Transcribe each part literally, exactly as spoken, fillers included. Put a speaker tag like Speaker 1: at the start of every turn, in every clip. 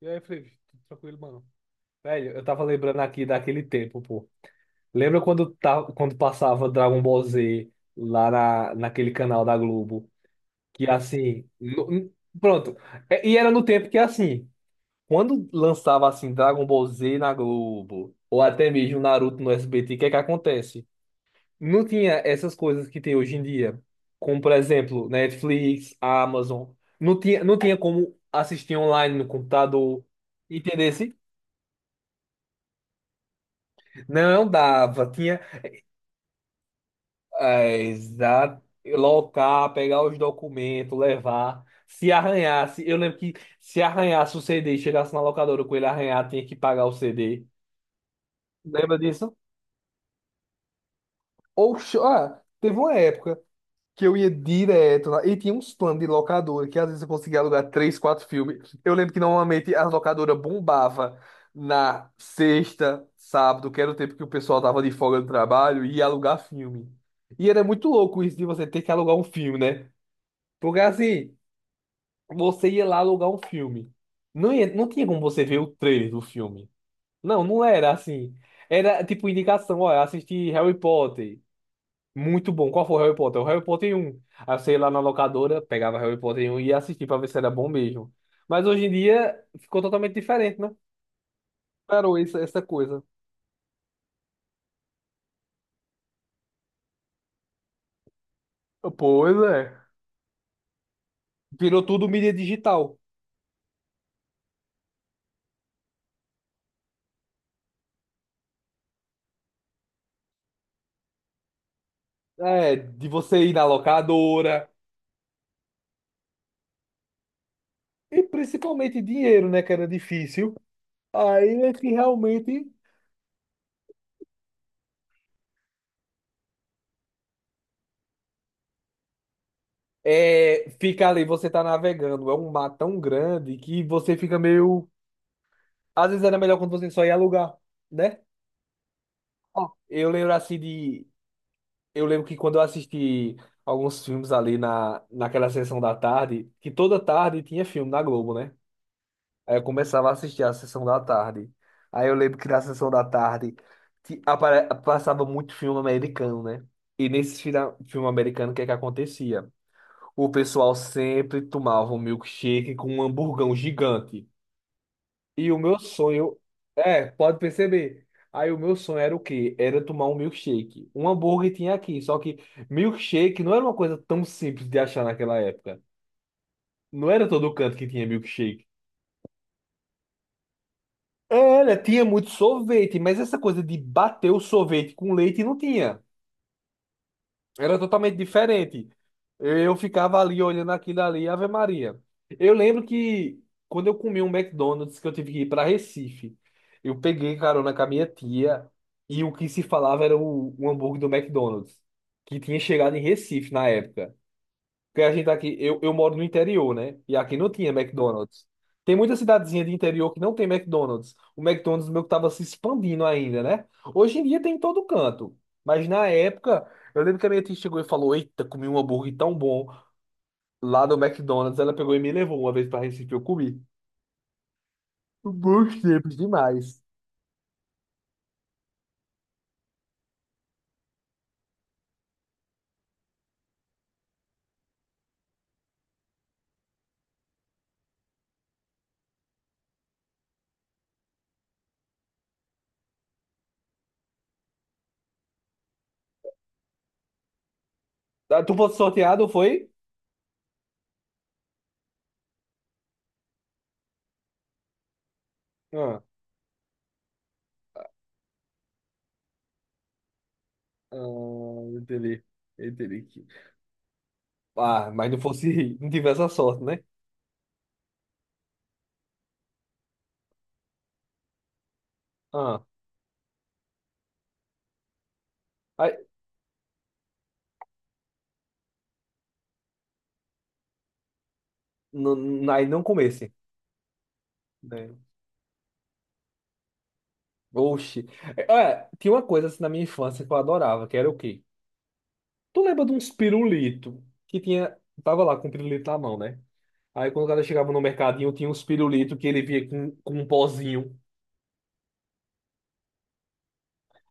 Speaker 1: E aí, Felipe, tudo tranquilo, mano? Velho, eu tava lembrando aqui daquele tempo, pô. Lembra quando, tá, quando passava Dragon Ball Z lá na, naquele canal da Globo? Que assim. no- n- pronto. É, E era no tempo que assim. Quando lançava assim Dragon Ball Z na Globo, ou até mesmo Naruto no S B T, o que é que acontece? Não tinha essas coisas que tem hoje em dia. Como, por exemplo, Netflix, Amazon. Não tinha, não tinha como assistir online no computador. Entendeu? Não dava, tinha é, exa- locar, pegar os documentos, levar. Se arranhasse, eu lembro que se arranhasse o C D e chegasse na locadora com ele arranhado, tinha que pagar o C D. Lembra disso? Ou, ah, teve uma época, que eu ia direto lá. E tinha uns planos de locadora, que às vezes eu conseguia alugar três, quatro filmes. Eu lembro que normalmente a locadora bombava na sexta, sábado, que era o tempo que o pessoal tava de folga do trabalho, e ia alugar filme. E era muito louco isso de você ter que alugar um filme, né? Porque assim, você ia lá alugar um filme. Não ia, não tinha como você ver o trailer do filme. Não, não era assim. Era tipo indicação, olha, assisti Harry Potter. Muito bom. Qual foi o Harry Potter? O Harry Potter um. Aí você ia lá na locadora, pegava Harry Potter um e ia assistir pra ver se era bom mesmo. Mas hoje em dia ficou totalmente diferente, né? Parou essa, essa coisa. Pois é. Virou tudo mídia digital. É, de você ir na locadora. E principalmente dinheiro, né? Que era difícil. Aí é que realmente é, fica ali, você tá navegando. É um mar tão grande que você fica meio. Às vezes era melhor quando você só ia alugar, né? Ó, eu lembro assim de eu lembro que quando eu assisti alguns filmes ali na, naquela sessão da tarde, que toda tarde tinha filme na Globo, né? Aí eu começava a assistir a sessão da tarde. Aí eu lembro que na sessão da tarde ti- apare- passava muito filme americano, né? E nesse fila- filme americano, o que é que acontecia? O pessoal sempre tomava um milkshake com um hamburgão gigante. E o meu sonho, é, pode perceber. Aí o meu sonho era o quê? Era tomar um milkshake. Um hambúrguer tinha aqui, só que milkshake não era uma coisa tão simples de achar naquela época. Não era todo canto que tinha milkshake. Era, tinha muito sorvete, mas essa coisa de bater o sorvete com leite não tinha. Era totalmente diferente. Eu ficava ali olhando aquilo ali, Ave Maria. Eu lembro que quando eu comi um McDonald's que eu tive que ir para Recife, eu peguei carona com a minha tia e o que se falava era o, o hambúrguer do McDonald's, que tinha chegado em Recife na época. Porque a gente aqui, eu, eu moro no interior, né? E aqui não tinha McDonald's. Tem muita cidadezinha de interior que não tem McDonald's. O McDonald's meu que tava se expandindo ainda, né? Hoje em dia tem em todo canto. Mas na época, eu lembro que a minha tia chegou e falou: Eita, comi um hambúrguer tão bom lá do McDonald's. Ela pegou e me levou uma vez pra Recife, eu comi. Bons tempos demais. Ah, tu foi sorteado, foi? Ah, ah, entendi. Entendi. que- Ah, mas não fosse, não tivesse a sorte, né? Ah, aí, não, aí não comesse. Né? Oxi. É, olha, tinha uma coisa assim na minha infância que eu adorava, que era o quê? Tu lembra de uns pirulito que tinha. Tava lá com o pirulito na mão, né? Aí quando o cara chegava no mercadinho, tinha uns pirulito que ele via com, com um pozinho.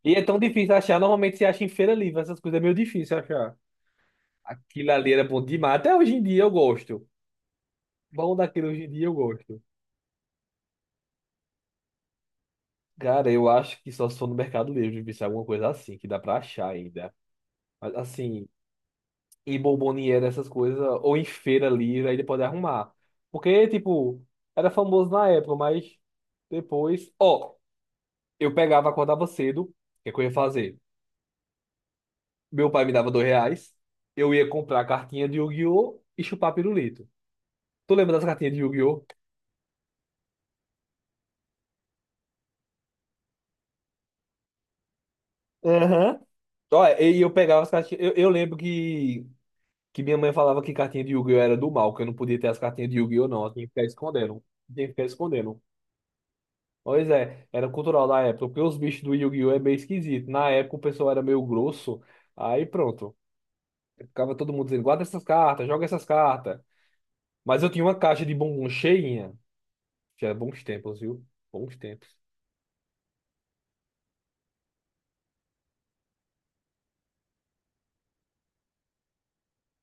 Speaker 1: E é tão difícil achar. Normalmente você acha em feira livre, essas coisas é meio difícil achar. Aquilo ali era bom demais. Até hoje em dia eu gosto. Bom daquele hoje em dia eu gosto. Cara, eu acho que só se for no Mercado Livre, se é alguma coisa assim, que dá pra achar ainda. Mas assim, e bomboniera, essas coisas, ou em feira livre, aí ele pode arrumar. Porque, tipo, era famoso na época, mas depois. Ó, eu pegava, acordava cedo, o que é que eu ia fazer? Meu pai me dava dois reais, eu ia comprar cartinha de Yu-Gi-Oh! E chupar pirulito. Tu lembra das cartinhas de Yu-Gi-Oh? Aham. Ó, e eu pegava as cartinhas. Eu, eu lembro que, que minha mãe falava que cartinha de Yu-Gi-Oh! Era do mal, que eu não podia ter as cartinhas de Yu-Gi-Oh! Não, eu tinha que ficar escondendo. Tinha que ficar escondendo. Pois é, era cultural da época, porque os bichos do Yu-Gi-Oh! É meio esquisito. Na época o pessoal era meio grosso, aí pronto. Ficava todo mundo dizendo, guarda essas cartas, joga essas cartas. Mas eu tinha uma caixa de bombom cheinha. Já bons tempos, viu? Bons tempos.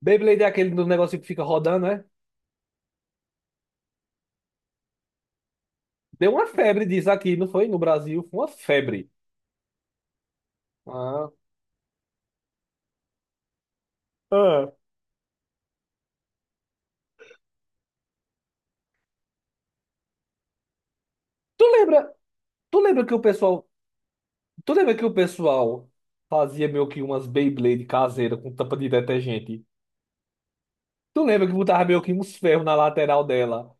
Speaker 1: Beyblade é aquele do negócio que fica rodando, né? Deu uma febre disso aqui, não foi? No Brasil, foi uma febre. Ah. Ah. Tu lembra, tu lembra que o pessoal, tu lembra que o pessoal fazia meio que umas Beyblade caseira com tampa de detergente? Tu lembra que botava meio que uns ferros na lateral dela?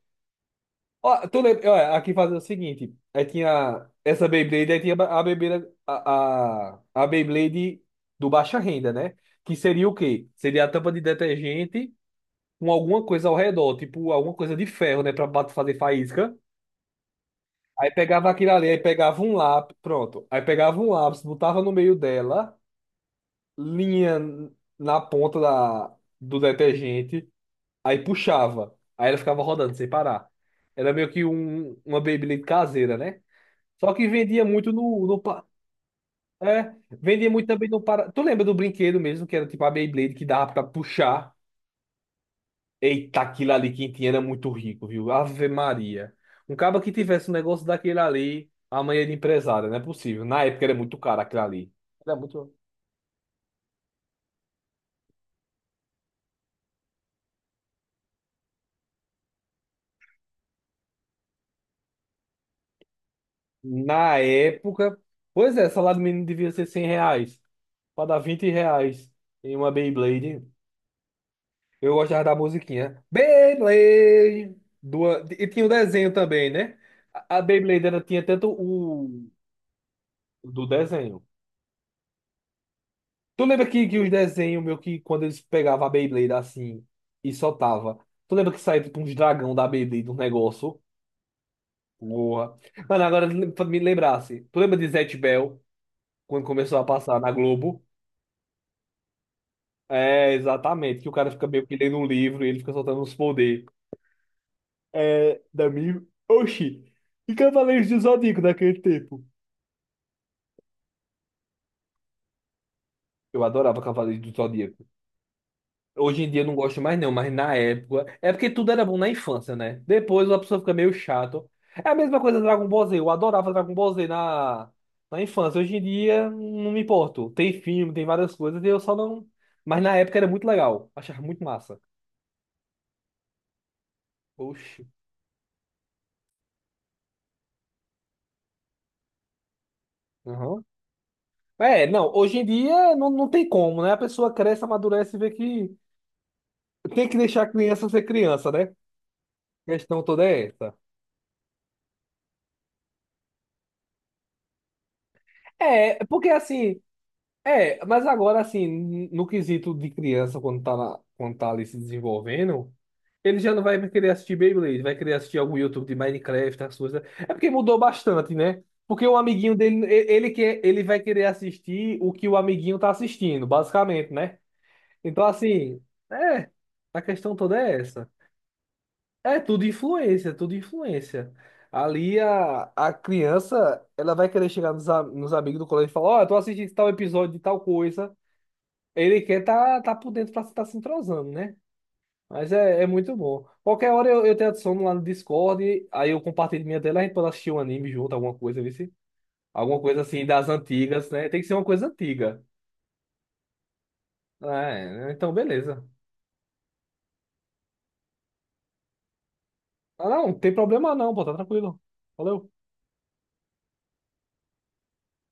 Speaker 1: Ó, tu lembra? Ó, aqui fazia o seguinte: aí tinha essa Beyblade, aí tinha a Beyblade, a, a, a Beyblade do baixa renda, né? Que seria o quê? Seria a tampa de detergente com alguma coisa ao redor, tipo alguma coisa de ferro, né? Pra bat- fazer faísca. Aí pegava aquilo ali, aí pegava um lápis, pronto. Aí pegava um lápis, botava no meio dela, linha na ponta da, do detergente. Aí puxava. Aí ela ficava rodando sem parar. Era meio que um, uma Beyblade caseira, né? Só que vendia muito no, no pa- é, vendia muito também no para. Tu lembra do brinquedo mesmo, que era tipo a Beyblade que dava pra puxar? Eita, aquilo ali quem tinha era muito rico, viu? Ave Maria. Um cara que tivesse um negócio daquele ali, amanhã de empresário, não é possível. Na época era muito caro aquilo ali. Era muito. Na época. Pois é, salário mínimo devia ser cem reais. Pra dar vinte reais em uma Beyblade. Eu gostava da musiquinha. Beyblade! Do, e tinha o desenho também, né? A a Beyblade era, tinha tanto o do desenho. Tu lembra que, que os desenhos, meu, que quando eles pegavam a Beyblade assim e soltava. Tu lembra que saía tipo uns dragão da Beyblade, um negócio? Porra. Mano, agora pra me lembrasse. Tu lembra de Zatch Bell, quando começou a passar na Globo? É, exatamente. Que o cara fica meio que lendo um livro e ele fica soltando uns poderes. É, da minha. Oxi! E Cavaleiros do Zodíaco naquele tempo? Eu adorava Cavaleiros do Zodíaco. Hoje em dia eu não gosto mais não, mas na época... É porque tudo era bom na infância, né? Depois a pessoa fica meio chato. É a mesma coisa Dragon Ball Z. Eu adorava Dragon Ball Z na, na infância. Hoje em dia não me importo. Tem filme, tem várias coisas e eu só não... Mas na época era muito legal. Achava muito massa. Oxi. Aham. É, não. Hoje em dia não, não tem como, né? A pessoa cresce, amadurece e vê que... Tem que deixar a criança ser criança, né? A questão toda é essa. É, porque assim, é, mas agora assim, no quesito de criança, quando tá, na- quando tá ali se desenvolvendo, ele já não vai querer assistir Beyblade, vai querer assistir algum YouTube de Minecraft, as coisas. É porque mudou bastante, né? Porque o amiguinho dele, e- ele quer, ele vai querer assistir o que o amiguinho tá assistindo, basicamente, né? Então assim, é, a questão toda é essa. É tudo influência, é tudo influência. Ali a, a criança, ela vai querer chegar nos, a- nos amigos do colégio e falar, ó, eu tô assistindo tal episódio de tal coisa. Ele quer tá, tá por dentro pra estar se entrosando, né? Mas é, é muito bom. Qualquer hora eu, eu te adiciono lá no Discord, aí eu compartilho minha tela, a gente pode assistir um anime junto, alguma coisa, vê se- alguma coisa assim das antigas, né? Tem que ser uma coisa antiga. É, então beleza. Ah, não, não tem problema não, pô, tá tranquilo. Valeu.